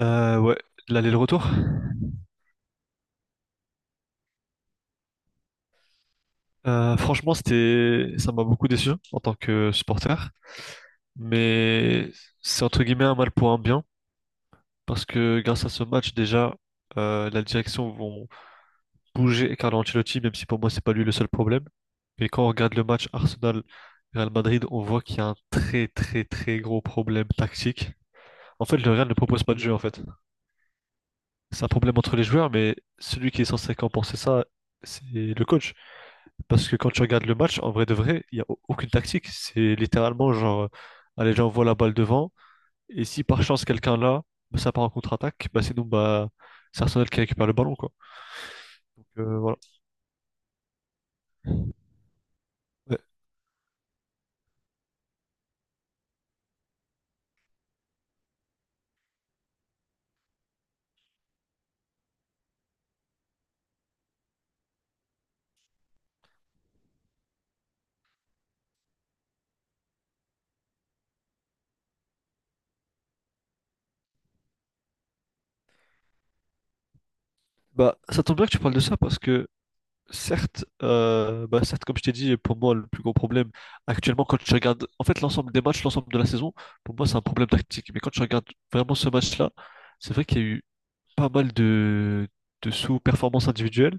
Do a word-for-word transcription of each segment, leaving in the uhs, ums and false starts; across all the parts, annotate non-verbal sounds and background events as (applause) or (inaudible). Euh, ouais, l'aller-retour. Euh, franchement, c'était, ça m'a beaucoup déçu en tant que supporter, mais c'est entre guillemets un mal pour un bien parce que grâce à ce match déjà, euh, la direction vont bouger Carlo Ancelotti, même si pour moi c'est pas lui le seul problème. Mais quand on regarde le match Arsenal-Real Madrid, on voit qu'il y a un très très très gros problème tactique. En fait, le Real ne propose pas de jeu en fait. C'est un problème entre les joueurs, mais celui qui est censé compenser ça, c'est le coach. Parce que quand tu regardes le match, en vrai de vrai, il n'y a au- aucune tactique. C'est littéralement genre, euh, allez, j'envoie la balle devant. Et si par chance quelqu'un là, bah, ça part en contre-attaque, bah, c'est nous, bah, c'est Arsenal qui récupère le ballon, quoi. Donc, euh, voilà. Ouais. Bah, ça tombe bien que tu parles de ça parce que, certes, euh, bah, certes, comme je t'ai dit, pour moi, le plus gros problème actuellement, quand tu regardes en fait l'ensemble des matchs, l'ensemble de la saison, pour moi, c'est un problème tactique. Mais quand tu regardes vraiment ce match-là, c'est vrai qu'il y a eu pas mal de, de sous-performances individuelles.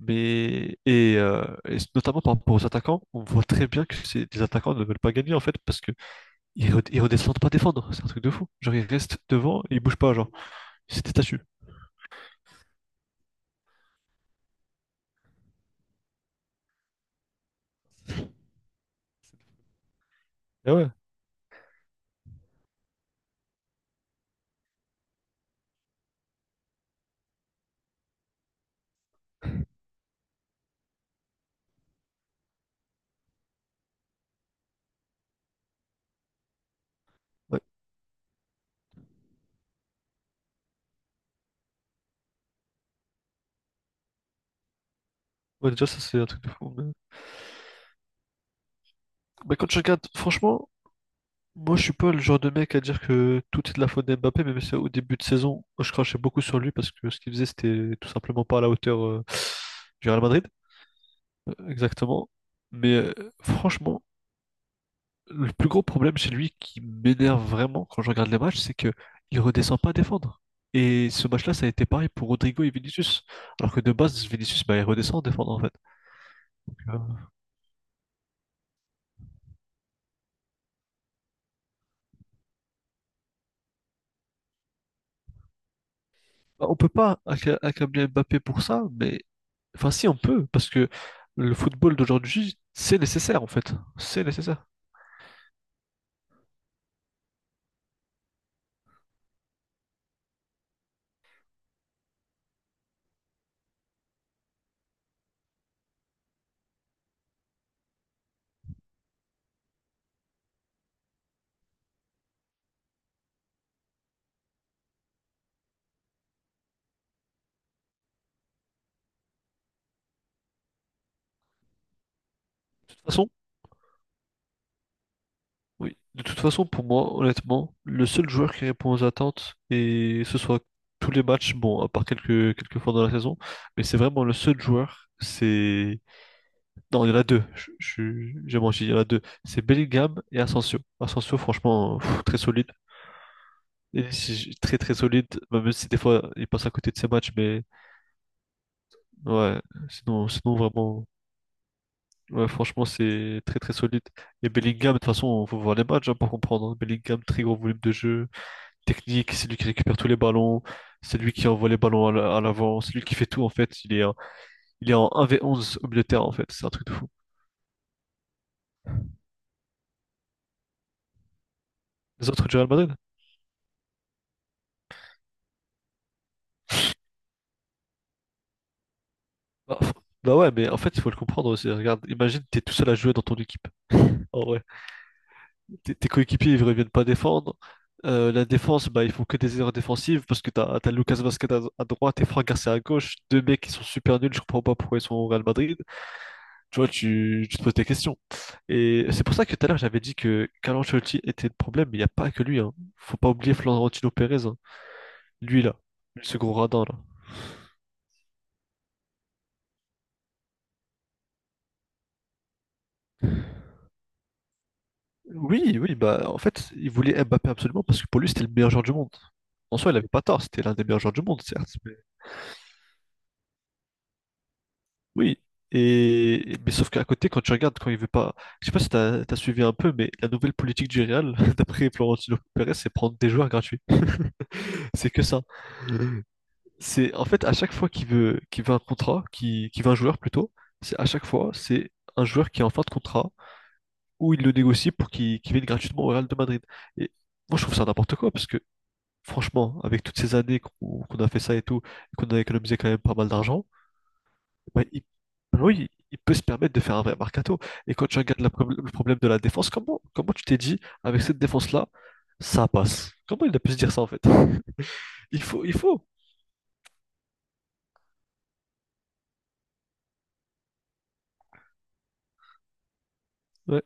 Mais et, euh, et notamment par rapport aux attaquants, on voit très bien que c'est les attaquants ne veulent pas gagner en fait parce que ils, re- ils redescendent pas défendre, c'est un truc de fou. Genre ils restent devant et ils bougent pas, genre c'est des statues. Ah ouais. Ouais. Ouais, déjà ça c'est un truc de fou. Mais... mais quand je regarde, franchement, moi je suis pas le genre de mec à dire que tout est de la faute d'Mbappé, même si au début de saison je crachais beaucoup sur lui parce que ce qu'il faisait c'était tout simplement pas à la hauteur euh, du Real Madrid. Euh, exactement. Mais euh, franchement. Le plus gros problème chez lui qui m'énerve vraiment quand je regarde les matchs, c'est que il redescend pas à défendre. Et ce match-là, ça a été pareil pour Rodrigo et Vinicius. Alors que de base, Vinicius, bah, il redescend à défendre en fait. Donc, euh, bah, on peut pas acca- accabler Mbappé pour ça, mais enfin si on peut, parce que le football d'aujourd'hui, c'est nécessaire en fait. C'est nécessaire. De toute façon, oui. De toute façon, pour moi, honnêtement, le seul joueur qui répond aux attentes, et ce soit tous les matchs, bon, à part quelques, quelques fois dans la saison, mais c'est vraiment le seul joueur, c'est... Non, il y en a deux, je, je- j'ai menti, il y en a deux. C'est Bellingham et Asensio. Asensio, franchement, pff, très solide. Et si- très très solide, même si des fois il passe à côté de ses matchs, mais ouais, sinon, sinon vraiment, ouais, franchement, c'est très très solide. Et Bellingham, de toute façon, faut voir les matchs hein, pour comprendre. Hein. Bellingham, très gros volume de jeu. Technique, c'est lui qui récupère tous les ballons, c'est lui qui envoie les ballons à la- à l'avant, c'est lui qui fait tout en fait. Il est, en- il est en un v onze au milieu de terrain en fait, c'est un truc de fou. Les autres du Real Madrid? Bah, f- bah ouais, mais en fait, il faut le comprendre aussi. Regarde, imagine, t'es tout seul à jouer dans ton équipe. En vrai, tes tes coéquipiers, ils reviennent pas défendre. Euh, la défense, bah, ils font que des erreurs défensives parce que t'as, t'as Lucas Vazquez à, à droite et Franck Garcia à gauche, deux mecs qui sont super nuls, je comprends pas pourquoi ils sont au Real Madrid. Tu vois, tu, tu te poses des questions. Et c'est pour ça que tout à l'heure, j'avais dit que Carlo Ancelotti était le problème, mais il n'y a pas que lui, hein. Faut pas oublier Florentino Pérez, hein. Lui, là. Ce gros radin, là. Oui, oui, bah, en fait, il voulait Mbappé absolument parce que pour lui, c'était le meilleur joueur du monde. En soi, il avait pas tort, c'était l'un des meilleurs joueurs du monde, certes. mais- Oui. Et... Mais sauf qu'à côté, quand tu regardes, quand il veut pas. Je sais pas si t'as as suivi un peu, mais la nouvelle politique du Real, (laughs) d'après Florentino Pérez, c'est prendre des joueurs gratuits. C'est que ça. C'est en fait à chaque fois qu'il veut qu'il veut un contrat, qu'il qu'il veut un joueur plutôt, c'est à chaque fois c'est un joueur qui est en fin de contrat ou il le négocie pour qu'il qu'il vienne gratuitement au Real de Madrid. Et moi je trouve ça n'importe quoi parce que franchement avec toutes ces années qu'on qu'on a fait ça et tout et qu'on a économisé quand même pas mal d'argent, bah, il, maintenant, il- il peut se permettre de faire un vrai mercato. Et quand tu regardes la prob- le problème de la défense, comment comment tu t'es dit avec cette défense là ça passe? Comment il a pu se dire ça en fait? Il faut il faut. Ouais.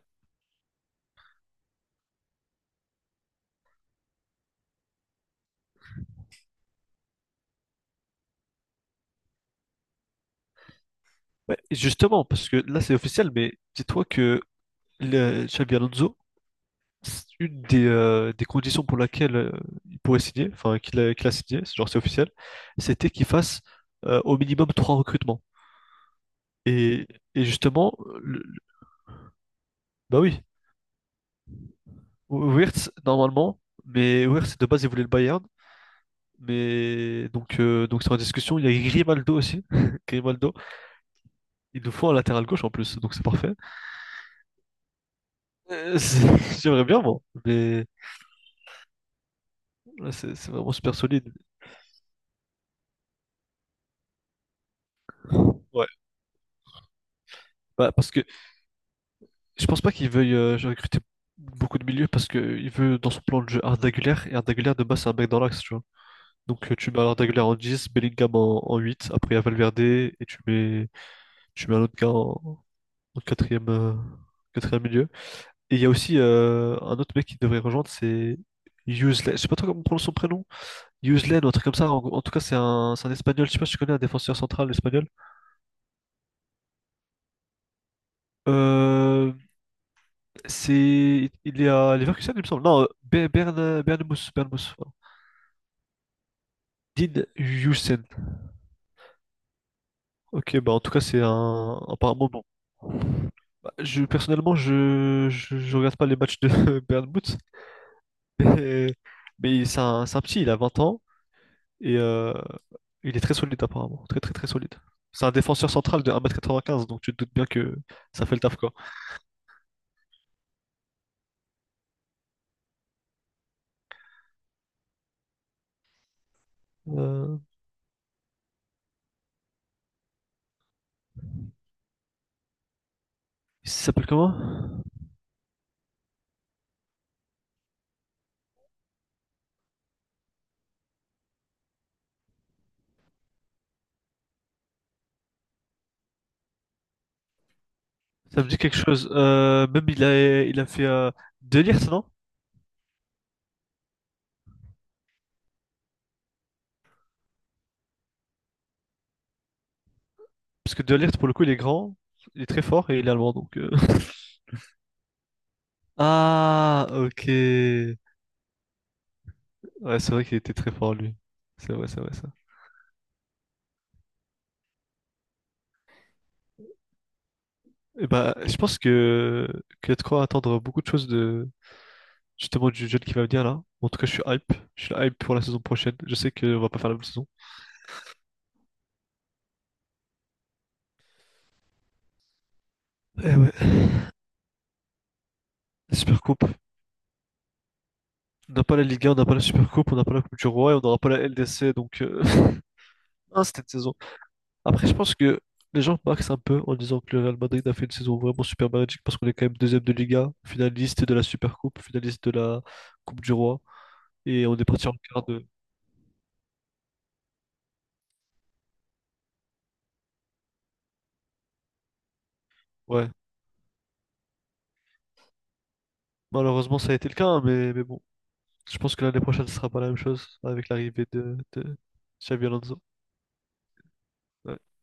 Ouais, et justement, parce que là c'est officiel, mais dis-toi que le Xabi Alonso, c'est une des, euh, des conditions pour laquelle euh, il pourrait signer, enfin qu'il a, qu'il a signé, c'est- genre c'est officiel, c'était qu'il fasse euh, au minimum trois recrutements. Et, et justement, le- le- bah oui, Wirtz normalement, mais Wirtz de base il voulait le Bayern, mais donc euh, donc c'est en discussion. Il y a Grimaldo aussi, (laughs) Grimaldo, il nous faut un latéral gauche en plus, donc c'est parfait. Euh, c'est- (laughs) J'aimerais bien moi, mais là, c'est c'est vraiment super solide. Ouais. Bah, parce que je pense pas qu'il veuille euh, recruter beaucoup de milieux parce qu'il veut dans son plan de jeu Arda Güler et Arda Güler de base c'est un mec dans l'axe, tu vois. Donc euh, tu mets Arda Güler en dix Bellingham en, en huit, après il y a Valverde et tu mets, tu mets un autre gars en, en quatrième, euh, quatrième milieu. Et il y a aussi euh, un autre mec qui devrait rejoindre, c'est Usley. Je sais pas trop comment on prononce son prénom. Usley ou un truc comme ça. En, en tout cas, c'est un, c'est un espagnol. Je sais pas si tu connais un défenseur central espagnol. Euh, C'est, il est à Leverkusen, il me semble. Non, euh, Be- Berne, Bernmouth, Bernmouth, voilà. Dean Huijsen. Ok, bah en tout cas, c'est un, apparemment bon. Bah, je, personnellement, je, je, je regarde pas les matchs de (laughs) Bernmouth, mais, mais c'est un, c'est un petit, il a vingt ans, et euh, il est très solide apparemment, très très très solide. C'est un défenseur central de un mètre quatre-vingt-quinze donc tu te doutes bien que ça fait le taf, quoi. Euh, il s'appelle comment? Ça me dit quelque chose. Euh, même il a, il a fait euh, De Ligt, non? Parce que De Ligt, pour le coup, il est grand, il est très fort et il est allemand, donc... euh, (laughs) Ah, ok. Ouais, c'est vrai qu'il était très fort, lui. C'est vrai, c'est vrai, ça. Et bah, je pense que, que y a de quoi attendre beaucoup de choses de, justement, du jeune qui va venir, là. En tout cas, je suis hype. Je suis hype pour la saison prochaine. Je sais qu'on va pas faire la même saison. Eh ouais. La Super Coupe. On n'a pas la Ligue un, on n'a pas la Super Coupe, on n'a pas la Coupe du Roi et on n'aura pas la L D C, donc... euh, (laughs) Ah, c'était une saison. Après, je pense que les gens marquent un peu en disant que le Real Madrid a fait une saison vraiment super magique parce qu'on est quand même deuxième de Liga, finaliste de la Super Coupe, finaliste de la Coupe du Roi. Et on est parti en quart de. Ouais. Malheureusement, ça a été le cas, hein, mais, mais bon. Je pense que l'année prochaine, ce sera pas la même chose avec l'arrivée de, de Xavi Alonso. Ouais.